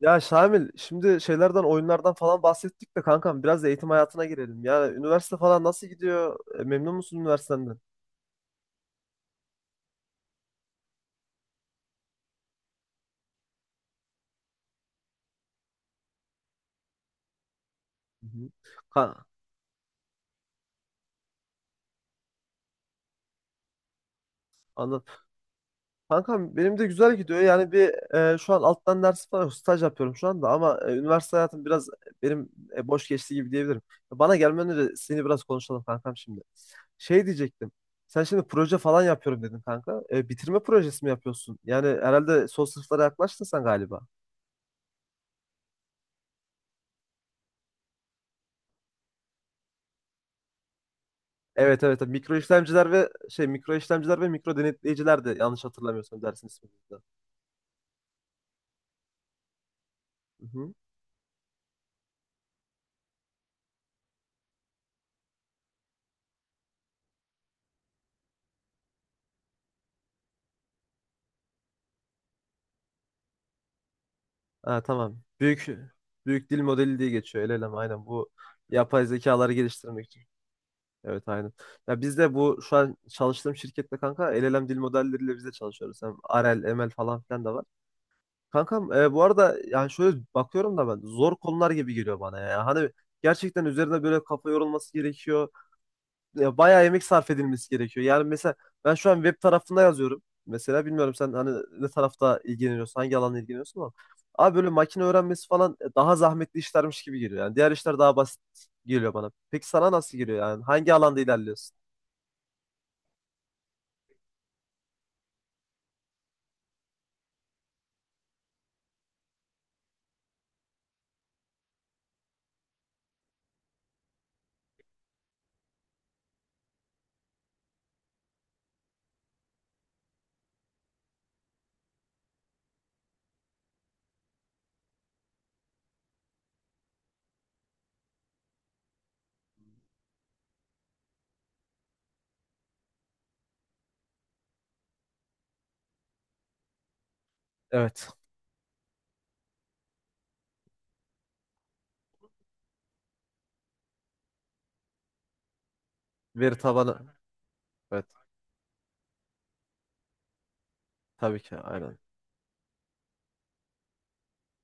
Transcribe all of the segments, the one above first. Ya Şamil, şimdi şeylerden, oyunlardan falan bahsettik de kankam biraz da eğitim hayatına girelim. Yani üniversite falan nasıl gidiyor? Memnun musun üniversitenden? Hı hı. Ka anladım. Kankam benim de güzel gidiyor. Yani şu an alttan ders falan yok. Staj yapıyorum şu anda ama üniversite hayatım biraz benim boş geçti gibi diyebilirim. Bana gelmeden önce seni biraz konuşalım kankam şimdi. Şey diyecektim. Sen şimdi proje falan yapıyorum dedin kanka. E, bitirme projesi mi yapıyorsun? Yani herhalde son sınıflara yaklaştın sen galiba. Evet evet, tabii. Mikro işlemciler ve mikro işlemciler ve mikro denetleyiciler de yanlış hatırlamıyorsam dersin ismi de. Hı hı. Ha, tamam. Büyük dil modeli diye geçiyor. El elem aynen bu yapay zekaları geliştirmek için. Evet aynen. Ya biz de bu şu an çalıştığım şirkette kanka el elem dil modelleriyle biz de çalışıyoruz. Hem RL, ML falan filan da var. Kankam bu arada yani şöyle bakıyorum da ben zor konular gibi geliyor bana ya. Hani gerçekten üzerine böyle kafa yorulması gerekiyor. Bayağı emek sarf edilmesi gerekiyor. Yani mesela ben şu an web tarafında yazıyorum. Mesela bilmiyorum sen hani ne tarafta ilgileniyorsun, hangi alanla ilgileniyorsun ama abi böyle makine öğrenmesi falan daha zahmetli işlermiş gibi geliyor. Yani diğer işler daha basit geliyor bana. Peki sana nasıl geliyor yani? Hangi alanda ilerliyorsun? Evet. Veri tabanı. Evet. Tabii ki. Aynen.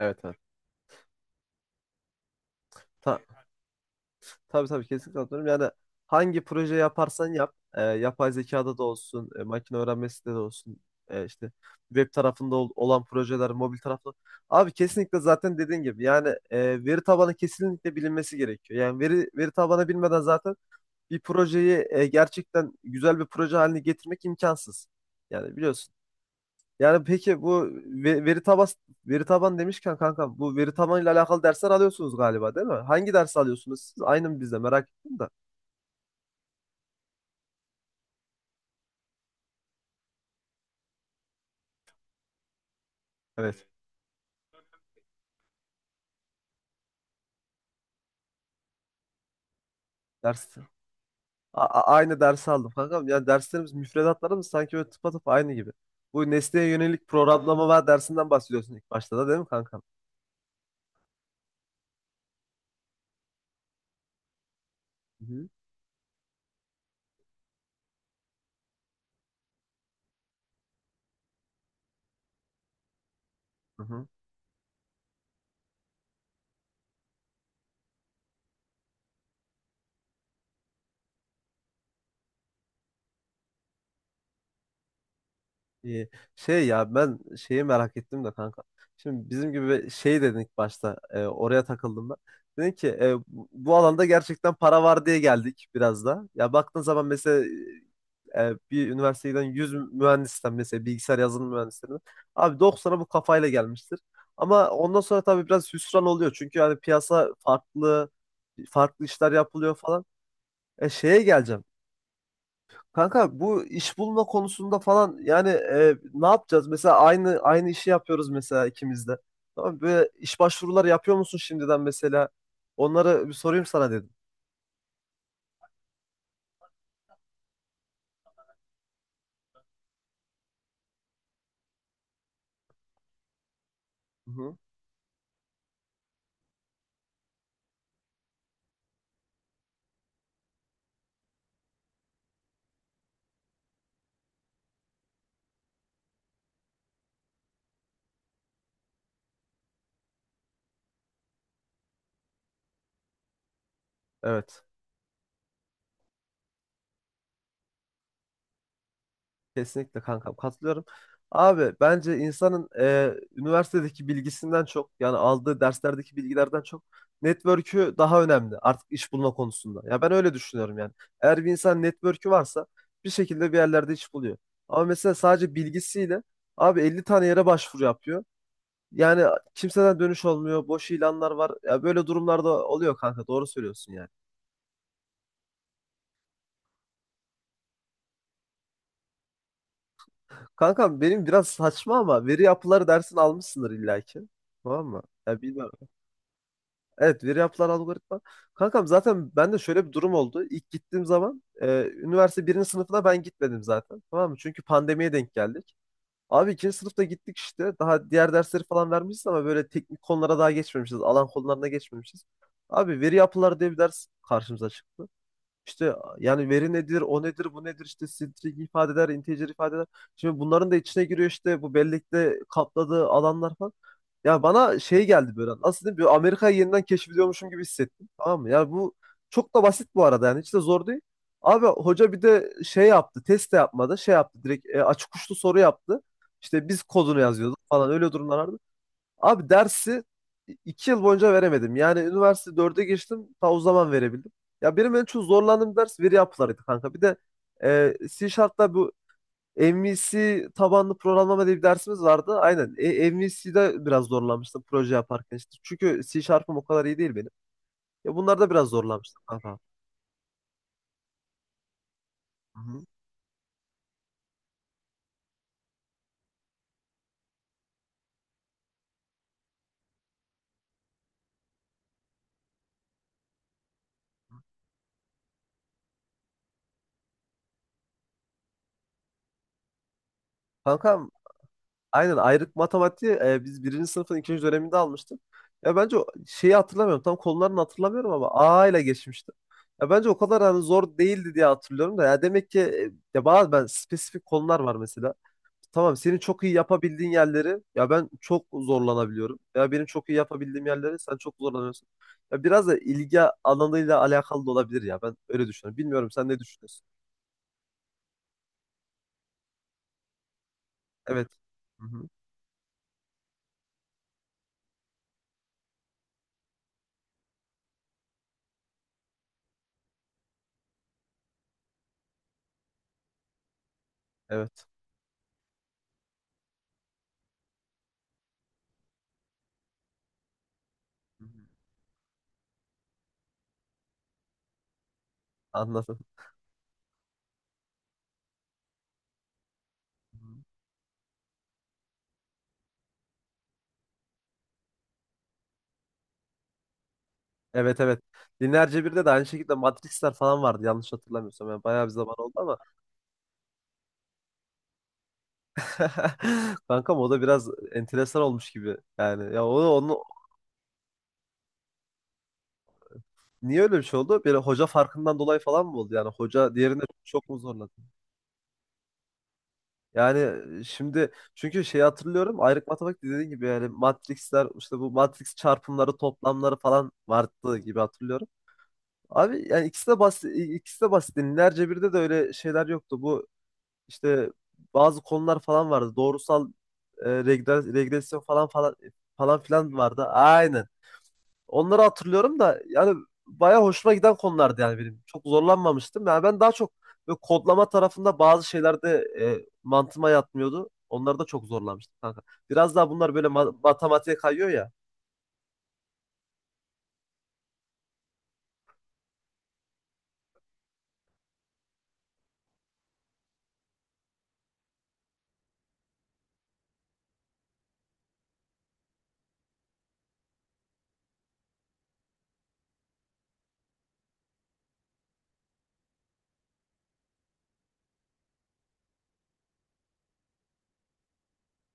Evet evet. Ta- Tabii tabii, kesinlikle katılıyorum. Yani hangi proje yaparsan yap, yapay zekada da olsun, makine öğrenmesi de olsun, e, işte web tarafında olan projeler, mobil tarafında. Abi kesinlikle zaten dediğin gibi yani veri tabanı kesinlikle bilinmesi gerekiyor. Yani veri tabanı bilmeden zaten bir projeyi gerçekten güzel bir proje haline getirmek imkansız. Yani biliyorsun. Yani peki bu ve- veri taban veri taban demişken kanka bu veri tabanıyla alakalı dersler alıyorsunuz galiba değil mi? Hangi ders alıyorsunuz siz? Aynı mı bizde, merak ettim de. Evet. Ders. Aynı dersi aldım kankam. Ya derslerimiz, müfredatlarımız sanki böyle tıpatıp aynı gibi. Bu nesneye yönelik programlama dersinden bahsediyorsun ilk başta da değil mi kankam? Hı hı. Hı hı. İyi. Şey ya ben şeyi merak ettim de kanka. Şimdi bizim gibi şey dedin ilk başta, oraya takıldım ben. Dedin ki bu alanda gerçekten para var diye geldik biraz da. Ya baktığın zaman mesela bir üniversiteden 100 mühendisten, mesela bilgisayar yazılım mühendislerinden abi 90'a bu kafayla gelmiştir. Ama ondan sonra tabii biraz hüsran oluyor çünkü yani piyasa farklı farklı işler yapılıyor falan. E şeye geleceğim. Kanka bu iş bulma konusunda falan yani ne yapacağız? Mesela aynı işi yapıyoruz mesela ikimiz de. Tamam mı? Böyle iş başvuruları yapıyor musun şimdiden mesela? Onları bir sorayım sana dedim. Hı hı. Evet. Kesinlikle kankam katılıyorum. Abi bence insanın üniversitedeki bilgisinden çok, yani aldığı derslerdeki bilgilerden çok, network'ü daha önemli artık iş bulma konusunda. Ya ben öyle düşünüyorum yani. Eğer bir insan network'ü varsa bir şekilde bir yerlerde iş buluyor. Ama mesela sadece bilgisiyle abi 50 tane yere başvuru yapıyor. Yani kimseden dönüş olmuyor. Boş ilanlar var. Ya böyle durumlarda oluyor kanka, doğru söylüyorsun yani. Kankam benim biraz saçma ama veri yapıları dersini almışsındır illaki. Tamam mı? Ya bilmem. Evet, veri yapılan algoritma. Kankam zaten bende şöyle bir durum oldu. İlk gittiğim zaman üniversite birinci sınıfına ben gitmedim zaten. Tamam mı? Çünkü pandemiye denk geldik. Abi ikinci sınıfta gittik işte. Daha diğer dersleri falan vermişiz ama böyle teknik konulara daha geçmemişiz. Alan konularına geçmemişiz. Abi veri yapılar diye bir ders karşımıza çıktı. İşte yani veri nedir, o nedir, bu nedir, işte string ifadeler, integer ifadeler. Şimdi bunların da içine giriyor işte bu bellekte kapladığı alanlar falan. Ya bana şey geldi böyle. Nasıl diyeyim? Böyle Amerika'yı yeniden keşfediyormuşum gibi hissettim. Tamam mı? Yani bu çok da basit bu arada, yani hiç de zor değil. Abi hoca bir de şey yaptı. Test de yapmadı. Şey yaptı. Direkt açık uçlu soru yaptı. İşte biz kodunu yazıyorduk falan, öyle durumlar. Abi dersi iki yıl boyunca veremedim. Yani üniversite dörde geçtim. Ta o zaman verebildim. Ya benim en çok zorlandığım ders veri yapılarıydı kanka. Bir de C Sharp'ta bu MVC tabanlı programlama diye bir dersimiz vardı. Aynen. E, MVC'de biraz zorlanmıştım proje yaparken işte. Çünkü C Sharp'ım o kadar iyi değil benim. Ya bunlarda biraz zorlanmıştım kanka. Hı-hı. Aynen, ayrık matematiği biz birinci sınıfın ikinci döneminde almıştık. Ya bence şeyi hatırlamıyorum. Tam konularını hatırlamıyorum ama A ile geçmiştim. Ya bence o kadar hani zor değildi diye hatırlıyorum da. Ya demek ki ya bazı ben spesifik konular var mesela. Tamam, senin çok iyi yapabildiğin yerleri ya ben çok zorlanabiliyorum. Ya benim çok iyi yapabildiğim yerleri sen çok zorlanıyorsun. Ya biraz da ilgi alanıyla alakalı da olabilir ya. Ben öyle düşünüyorum. Bilmiyorum sen ne düşünüyorsun? Evet. Hı hı. Evet. Hı hı. Anladım. Evet evet. Lineer Cebir'de de aynı şekilde Matrix'ler falan vardı yanlış hatırlamıyorsam. Yani bayağı bir zaman oldu ama. Kankam o da biraz enteresan olmuş gibi. Yani ya onu niye öyle bir şey oldu? Bir hoca farkından dolayı falan mı oldu? Yani hoca diğerine çok mu zorladı? Yani şimdi çünkü şeyi hatırlıyorum. Ayrık matematik dediğin gibi yani Matrix'ler işte bu Matrix çarpımları toplamları falan vardı gibi hatırlıyorum. Abi yani ikisi de basit, ikisi de basit. Lineer Cebir'de de öyle şeyler yoktu. Bu İşte bazı konular falan vardı. Doğrusal regresyon falan filan vardı. Aynen. Onları hatırlıyorum da yani bayağı hoşuma giden konulardı yani benim. Çok zorlanmamıştım. Yani ben daha çok böyle kodlama tarafında bazı şeylerde mantığıma yatmıyordu. Onları da çok zorlanmıştım kanka. Biraz daha bunlar böyle matematiğe kayıyor ya.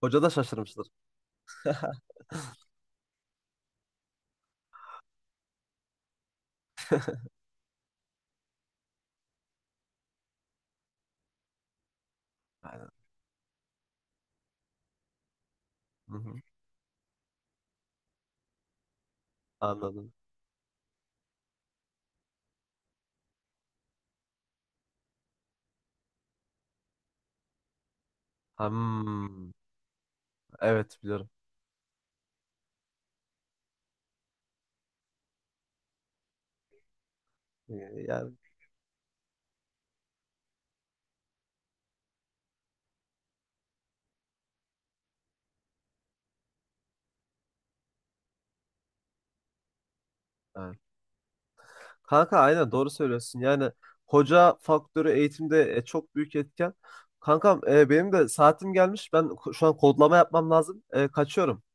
Hoca da şaşırmıştır. Aynen. Hı hı. Anladım. Hmm. Evet biliyorum. Ee, Yani. Kanka aynen doğru söylüyorsun. Yani hoca faktörü eğitimde çok büyük etken. Kankam benim de saatim gelmiş. Ben şu an kodlama yapmam lazım. E, kaçıyorum.